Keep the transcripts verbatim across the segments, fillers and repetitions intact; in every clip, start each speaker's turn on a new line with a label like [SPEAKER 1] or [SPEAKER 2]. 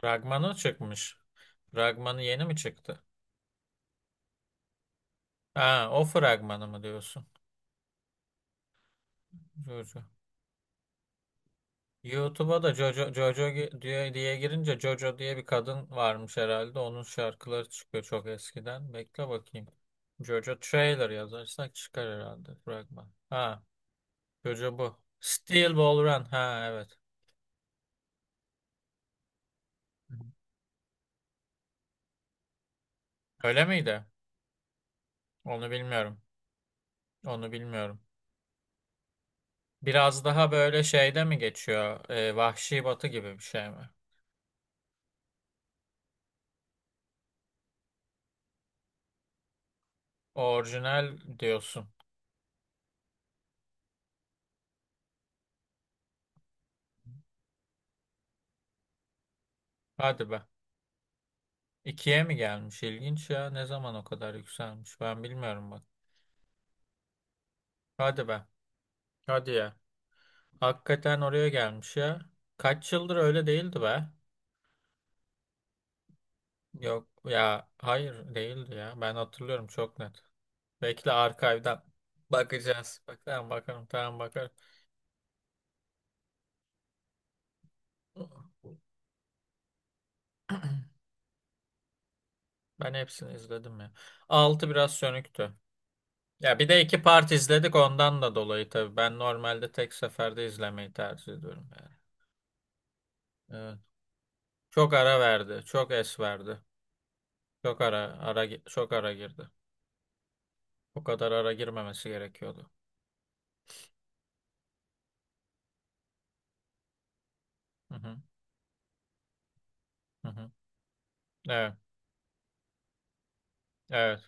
[SPEAKER 1] Fragmanı çıkmış. Fragmanı yeni mi çıktı? Ha, o fragmanı mı diyorsun? Jojo. YouTube'a da Jojo, Jojo gi- diye, diye girince Jojo diye bir kadın varmış herhalde. Onun şarkıları çıkıyor çok eskiden. Bekle bakayım. Jojo trailer yazarsak çıkar herhalde fragman. Ha, Jojo bu. Steel Ball Run. Ha, evet. Öyle miydi? Onu bilmiyorum. Onu bilmiyorum. Biraz daha böyle şeyde mi geçiyor? Ee, Vahşi Batı gibi bir şey mi? Orijinal diyorsun. Hadi be. İkiye mi gelmiş? İlginç ya. Ne zaman o kadar yükselmiş? Ben bilmiyorum bak. Hadi be. Hadi ya. Hakikaten oraya gelmiş ya. Kaç yıldır öyle değildi be. Yok ya. Hayır değildi ya. Ben hatırlıyorum çok net. Bekle arkaydan bakacağız. Bak, tamam bakarım. Tamam bakarım. Ben hepsini izledim ya. Altı biraz sönüktü. Ya bir de iki part izledik ondan da dolayı tabii. Ben normalde tek seferde izlemeyi tercih ediyorum. Evet. Çok ara verdi. Çok es verdi. Çok ara ara gi- çok ara girdi. O kadar ara girmemesi gerekiyordu. Hı hı. Hı hı. Evet. Evet.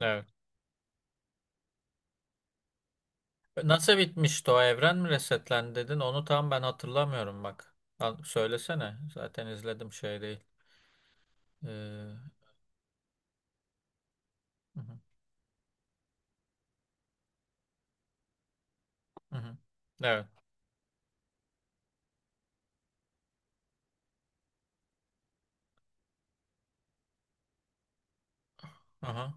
[SPEAKER 1] Evet. Nasıl bitmişti, o evren mi resetlendi dedin? Onu tam ben hatırlamıyorum bak. Al, söylesene. Zaten izledim şey değil. Ee, hı hı. Hı hı. Evet. Hı hı.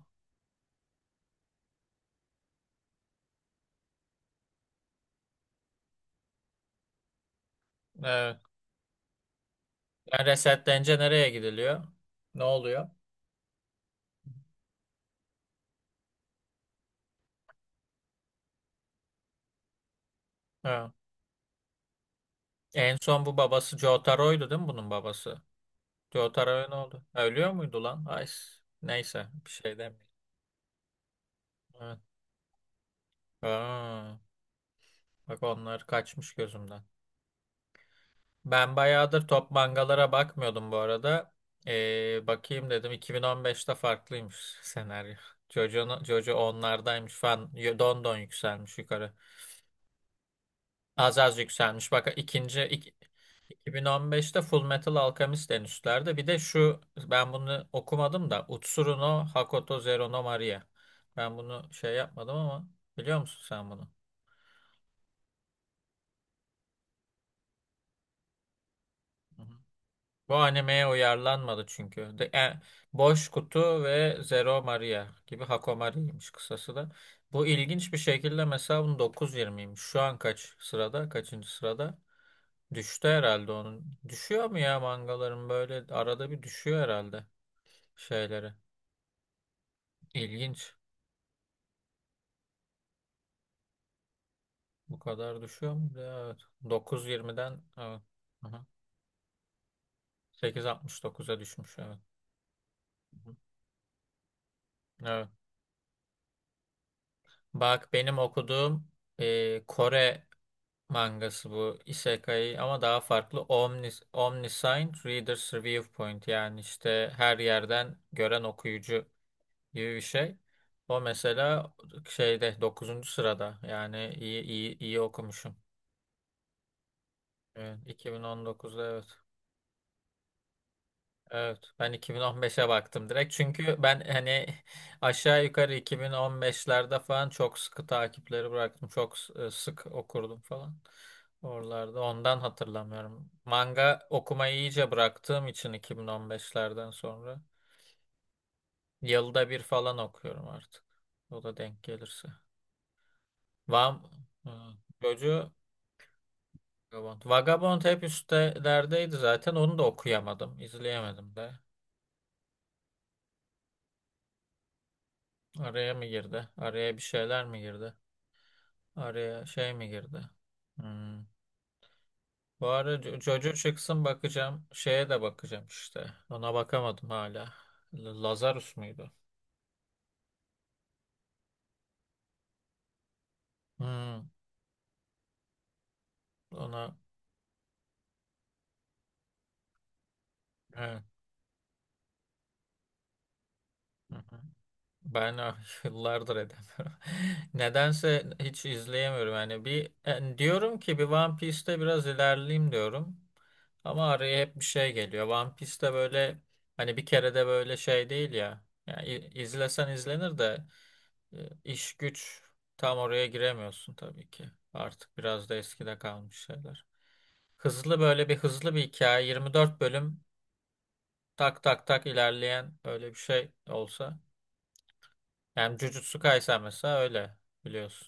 [SPEAKER 1] Evet. Yani resetlenince nereye gidiliyor? Ne oluyor? Ha. En son bu babası Jotaro'ydu değil mi, bunun babası? Jotaro ne oldu? Ha, Ölüyor muydu lan? Ay, neyse bir şey demeyeyim. Evet. Aa, bak onlar kaçmış gözümden. Ben bayağıdır top mangalara bakmıyordum bu arada. Ee, bakayım dedim iki bin on beşte farklıymış senaryo. Jojo, no, Jojo onlardaymış falan. Yo- Don don yükselmiş yukarı. Az az yükselmiş. Bak, ikinci ik- iki bin on beşte Full Metal Alchemist en üstlerde. Bir de şu, ben bunu okumadım da Utsuru no Hakoto Zero no Maria. Ben bunu şey yapmadım ama biliyor musun sen bunu? Hı hı. Bu animeye uyarlanmadı çünkü. De, e, Boş Kutu ve Zero Maria gibi Hakomari'ymiş kısası da. Bu ilginç bir şekilde, mesela bunun dokuz yirmiymiş. Şu an kaç sırada? Kaçıncı sırada? Düştü herhalde onun. Düşüyor mu ya, mangaların böyle arada bir düşüyor herhalde şeyleri. İlginç. Bu kadar düşüyor mu? Evet. dokuz yirmiden evet. Hı hı. sekiz altmış dokuz'a düşmüş, evet. Hı hı. Evet. Bak, benim okuduğum e, Kore mangası bu, Isekai ama daha farklı, Omnis, Omniscient Reader's Review Point, yani işte her yerden gören okuyucu gibi bir şey. O mesela şeyde dokuzuncu sırada, yani iyi iyi iyi okumuşum. Evet, iki bin on dokuzda evet. Evet, ben iki bin on beşe baktım direkt. Çünkü ben hani aşağı yukarı iki bin on beşlerde falan çok sıkı takipleri bıraktım. Çok s- e, sık okurdum falan. Oralarda ondan hatırlamıyorum. Manga okumayı iyice bıraktığım için iki bin on beşlerden sonra yılda bir falan okuyorum artık. O da denk gelirse. Vam Ha, Jojo Vagabond. Vagabond hep üstelerdeydi zaten. Onu da okuyamadım, izleyemedim de. Araya mı girdi? Araya bir şeyler mi girdi? Araya şey mi girdi? Hmm. Bu ara Jo- Jojo çıksın bakacağım. Şeye de bakacağım işte. Ona bakamadım hala. L- Lazarus muydu? Hmm. Ona evet. Hı hı. Ben ah, yıllardır edemiyorum. Nedense hiç izleyemiyorum. Yani bir yani diyorum ki bir One Piece'te biraz ilerleyeyim diyorum. Ama araya hep bir şey geliyor. One Piece'te böyle, hani bir kere de böyle şey değil ya. Yani i- izlesen izlenir de Ee, İş güç, tam oraya giremiyorsun tabii ki. Artık biraz da eskide kalmış şeyler. Hızlı böyle bir hızlı bir hikaye, yirmi dört bölüm tak tak tak ilerleyen öyle bir şey olsa. Yani Jujutsu Kaisen mesela öyle biliyorsun.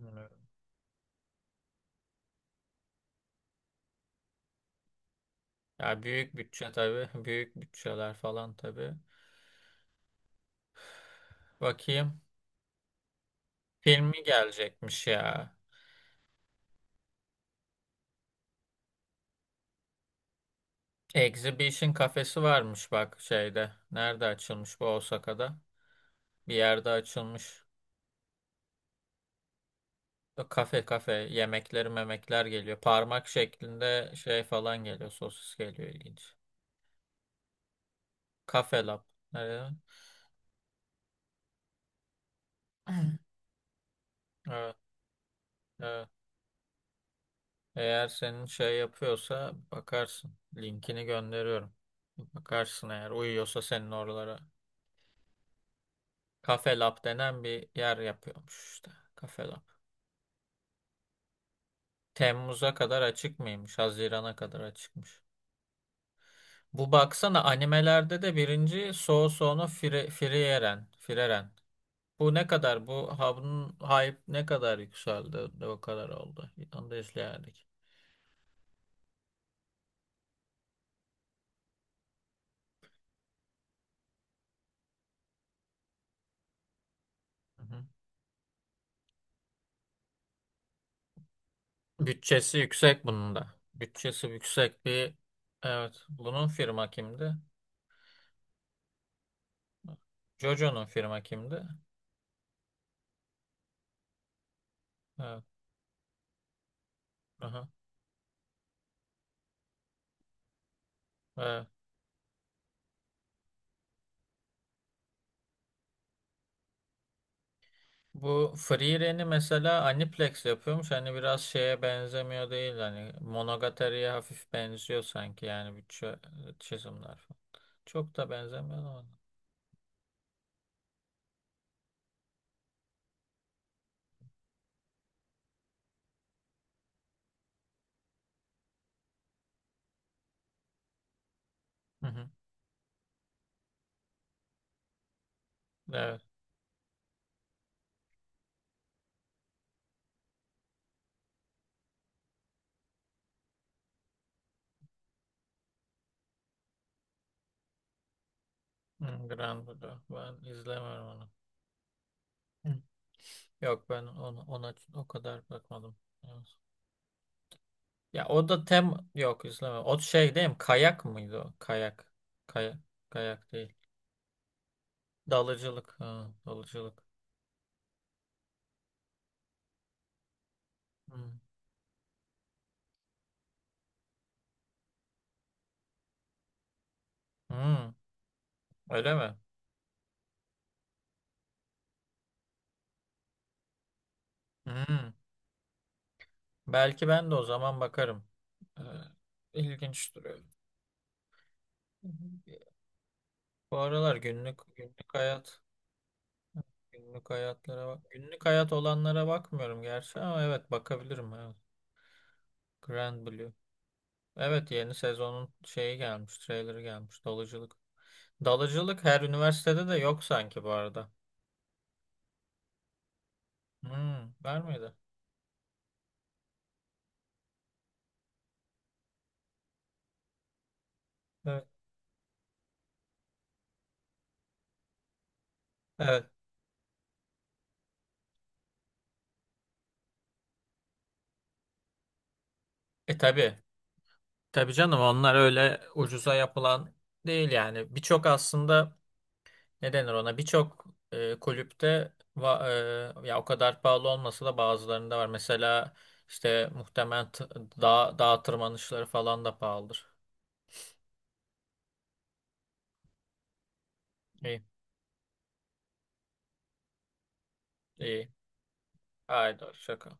[SPEAKER 1] Evet. Ya büyük bütçe tabii. Büyük bütçeler falan tabii. Bakayım. Filmi gelecekmiş ya. Exhibition kafesi varmış, bak şeyde. Nerede açılmış bu, Osaka'da? Bir yerde açılmış. Yok, Kafe kafe yemekleri memekler geliyor. Parmak şeklinde şey falan geliyor. Sosis geliyor, ilginç. Kafe Lab. Nerede? Evet, evet. evet. Eğer senin şey yapıyorsa bakarsın. Linkini gönderiyorum. Bakarsın eğer uyuyorsa senin oralara. Kafe Lab denen bir yer yapıyormuş işte. Kafe Lab. Temmuz'a kadar açık mıymış? Haziran'a kadar açıkmış. Bu baksana, animelerde de birinci soğu soğunu Fire, Frieren. Frieren. Bu ne kadar? Bu havunun hype ne kadar yükseldi? de O kadar oldu. Onu da izleyemedik. Hı hı. Bütçesi yüksek bunun da. Bütçesi yüksek bir... Evet. Bunun firma kimdi? Jojo'nun firma kimdi? Evet. Aha. Evet. Bu Free Ren'i mesela Aniplex yapıyormuş. Hani biraz şeye benzemiyor değil. Hani Monogatari'ye hafif benziyor sanki. Yani bütçe, çizimler falan. Çok da benzemiyor ama. Hı hı. Evet. Hmm, Grand Blue. Ben izlemiyorum onu. Hı. Yok, ben ona, ona o kadar bakmadım. Evet. Ya o da tem yok, izlemiyorum. O şey değil mi? Kayak mıydı o? Kayak. Kayak. Kayak değil. Dalıcılık. Ha, dalıcılık. Hmm. Hmm, öyle mi? Hmm. Belki ben de o zaman bakarım. Ee, ilginç duruyor. Hı hı. Bu aralar günlük günlük hayat günlük hayatlara bak. Günlük hayat olanlara bakmıyorum gerçi ama evet, bakabilirim. Evet. Grand Blue. Evet, yeni sezonun şeyi gelmiş, trailerı gelmiş. Dalıcılık. Dalıcılık her üniversitede de yok sanki bu arada. Hmm, var mıydı? Evet. Evet. E tabii. Tabii canım, onlar öyle ucuza yapılan değil yani. Birçok, aslında ne denir ona, birçok e, kulüpte va- e, ya, o kadar pahalı olmasa da bazılarında var. Mesela işte muhtemelen t- dağ, dağ tırmanışları falan da pahalıdır. İyi. İyi. Haydi şaka.